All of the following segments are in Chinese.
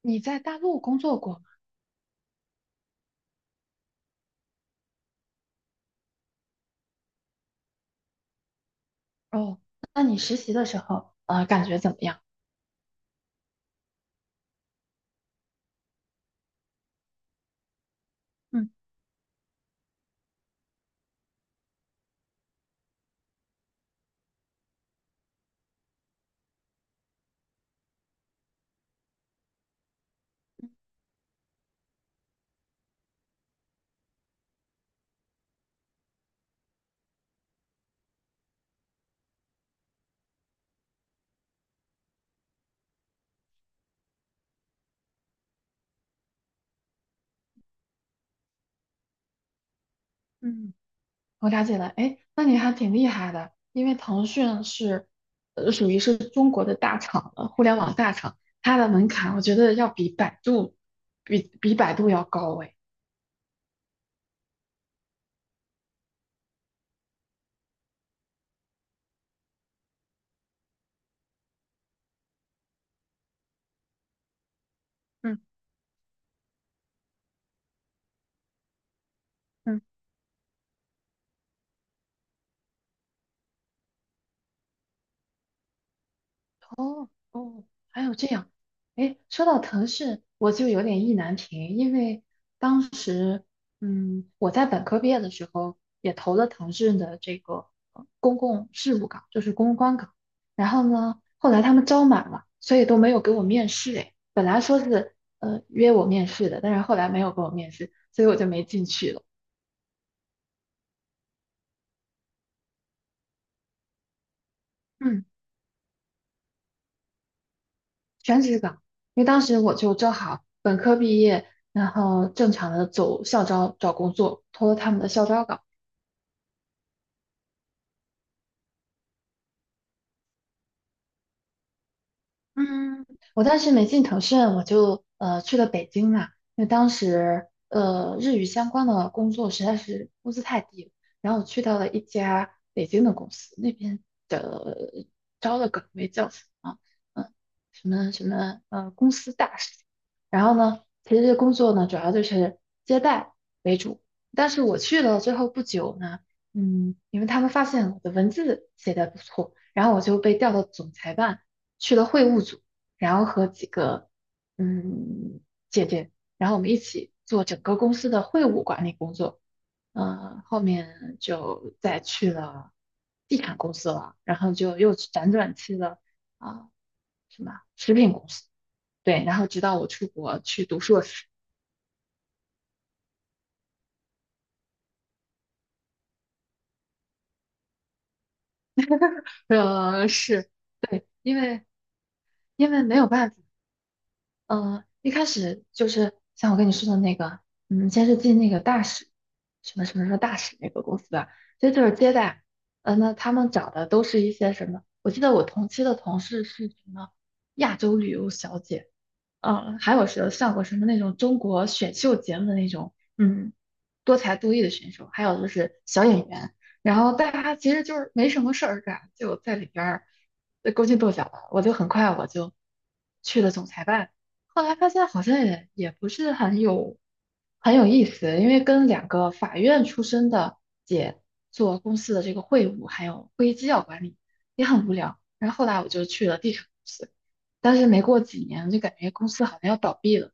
你在大陆工作过哦？那你实习的时候，感觉怎么样？嗯。嗯。我了解了，哎，那你还挺厉害的，因为腾讯是，属于是中国的大厂了，互联网大厂，它的门槛我觉得要比百度，比百度要高诶，嗯。嗯。哦哦，还有这样，哎，说到腾讯，我就有点意难平，因为当时，嗯，我在本科毕业的时候也投了腾讯的这个公共事务岗，就是公关岗，然后呢，后来他们招满了，所以都没有给我面试，哎，本来说是约我面试的，但是后来没有给我面试，所以我就没进去了。嗯。全职岗，因为当时我就正好本科毕业，然后正常的走校招找工作，投了他们的校招岗。嗯，我当时没进腾讯，我就去了北京嘛，因为当时日语相关的工作实在是工资太低了，然后我去到了一家北京的公司，那边的招的岗位叫什么？嗯，什么什么公司大使。然后呢，其实这工作呢主要就是接待为主，但是我去了之后不久呢，嗯，因为他们发现我的文字写的不错，然后我就被调到总裁办。去了会务组，然后和几个嗯姐姐，然后我们一起做整个公司的会务管理工作。后面就再去了地产公司了，然后就又辗转去了啊、什么食品公司，对，然后直到我出国去读硕士，是对，因为没有办法，一开始就是像我跟你说的那个，嗯，先是进那个大使，什么大使那个公司吧，其就是接待，那他们找的都是一些什么？我记得我同期的同事是什么亚洲旅游小姐，嗯，还有是上过什么那种中国选秀节目的那种，嗯，多才多艺的选手，还有就是小演员，然后大家其实就是没什么事儿干，就在里边儿勾心斗角的。我就很快去了总裁办，后来发现好像也不是很有很有意思，因为跟两个法院出身的姐做公司的这个会务还有会议纪要管理也很无聊。然后后来我就去了地产公司。但是没过几年就感觉公司好像要倒闭了，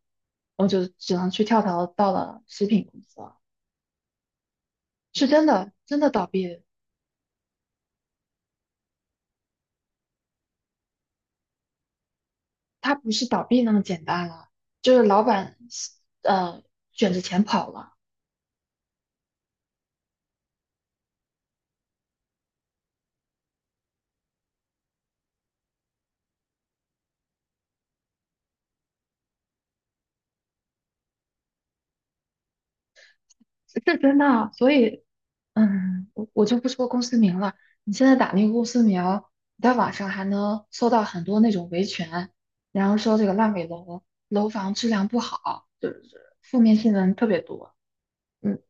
我就只能去跳槽到了食品公司了。是真的，真的倒闭了，它不是倒闭那么简单了，就是老板呃卷着钱跑了，是是真的啊。所以嗯，我就不说公司名了，你现在打那个公司名，你在网上还能搜到很多那种维权，然后说这个烂尾楼楼房质量不好，就是负面新闻特别多。嗯。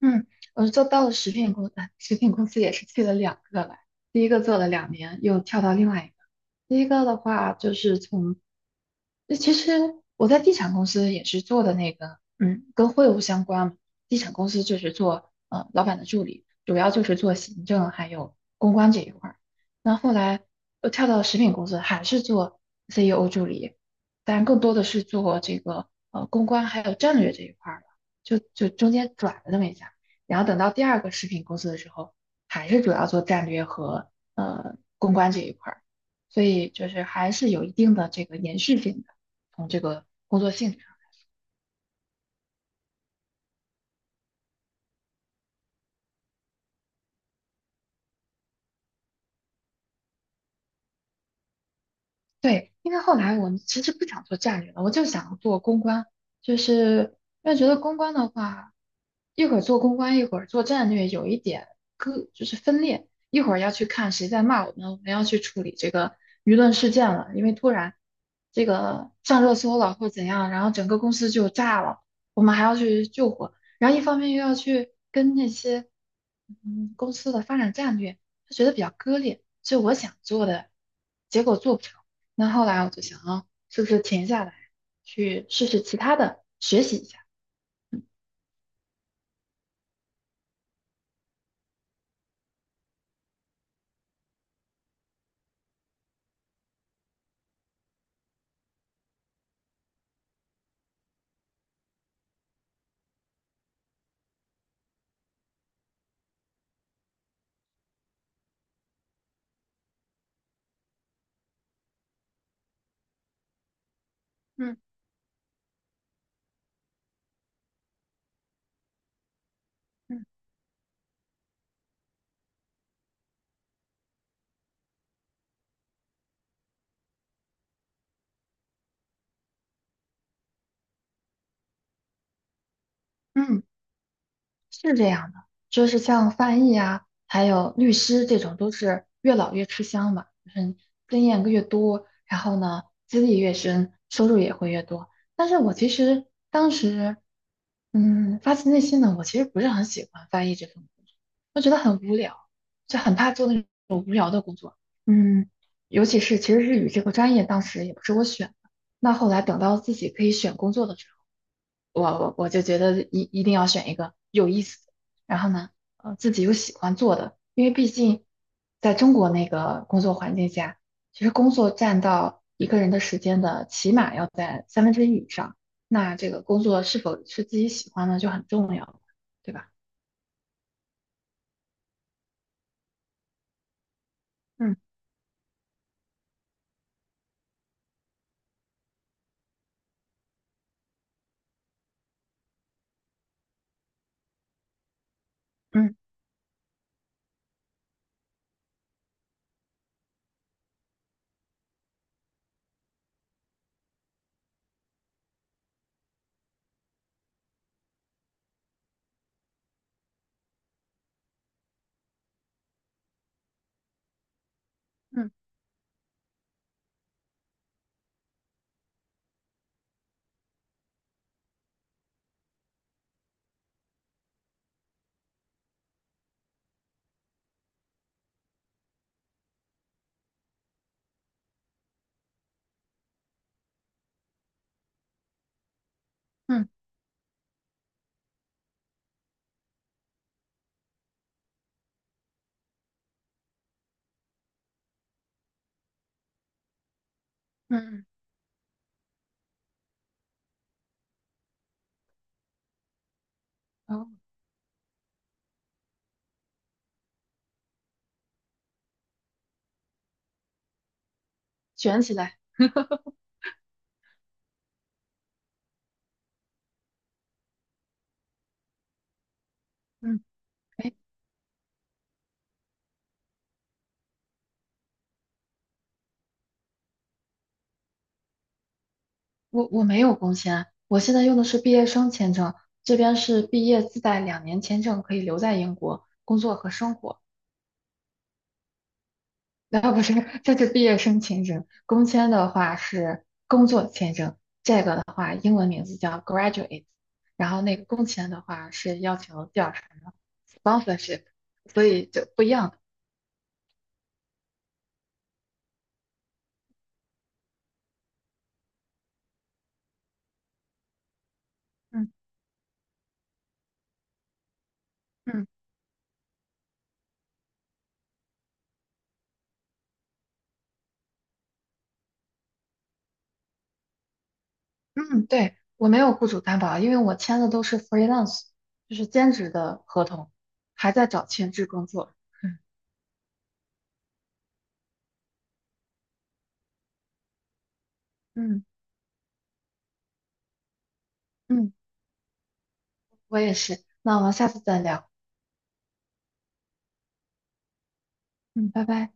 嗯，我做到了食品公，哎食品公司也是去了两个来，第一个做了两年，又跳到另外一个。第一个的话就是从，那其实我在地产公司也是做的那个，嗯，跟会务相关嘛。地产公司就是做老板的助理，主要就是做行政还有公关这一块儿。那后来又跳到食品公司，还是做 CEO 助理，但更多的是做这个公关还有战略这一块儿了，就中间转了那么一下。然后等到第二个食品公司的时候，还是主要做战略和公关这一块儿，所以就是还是有一定的这个延续性的，从这个工作性质。对，因为后来我们其实不想做战略了，我就想做公关，就是因为觉得公关的话，一会儿做公关，一会儿做战略，有一点割就是分裂，一会儿要去看谁在骂我们，我们要去处理这个舆论事件了，因为突然这个上热搜了或怎样，然后整个公司就炸了，我们还要去救火，然后一方面又要去跟那些公司的发展战略，就觉得比较割裂，所以我想做的结果做不成。那后来我就想啊，是不是停下来去试试其他的，学习一下？嗯。嗯。嗯，是这样的，就是像翻译啊，还有律师这种，都是越老越吃香嘛，就是经验越多，然后呢，资历越深，收入也会越多。但是我其实当时，嗯，发自内心的，我其实不是很喜欢翻译这份工作。就很怕做那种无聊的工作。嗯，尤其是其实日语这个专业当时也不是我选的，那后来等到自己可以选工作的时候，我就觉得一定要选一个有意思的，然后呢，自己又喜欢做的，因为毕竟在中国那个工作环境下，其实工作占到一个人的时间的起码要在三分之一以上，那这个工作是否是自己喜欢的就很重要了，对吧？嗯。嗯。嗯。嗯。嗯，嗯卷起来。嗯。哎，我没有工签，我现在用的是毕业生签证，这边是毕业自带两年签证，可以留在英国工作和生活。啊，不是，这是毕业生签证，工签的话是工作签证，这个的话英文名字叫 graduate，然后那个工签的话是要求第二什么 sponsorship，所以就不一样的。嗯。嗯。嗯，对，我没有雇主担保啊，因为我签的都是 freelance，就是兼职的合同，还在找全职工作。嗯。嗯，嗯我也是。那我们下次再聊。嗯，拜拜。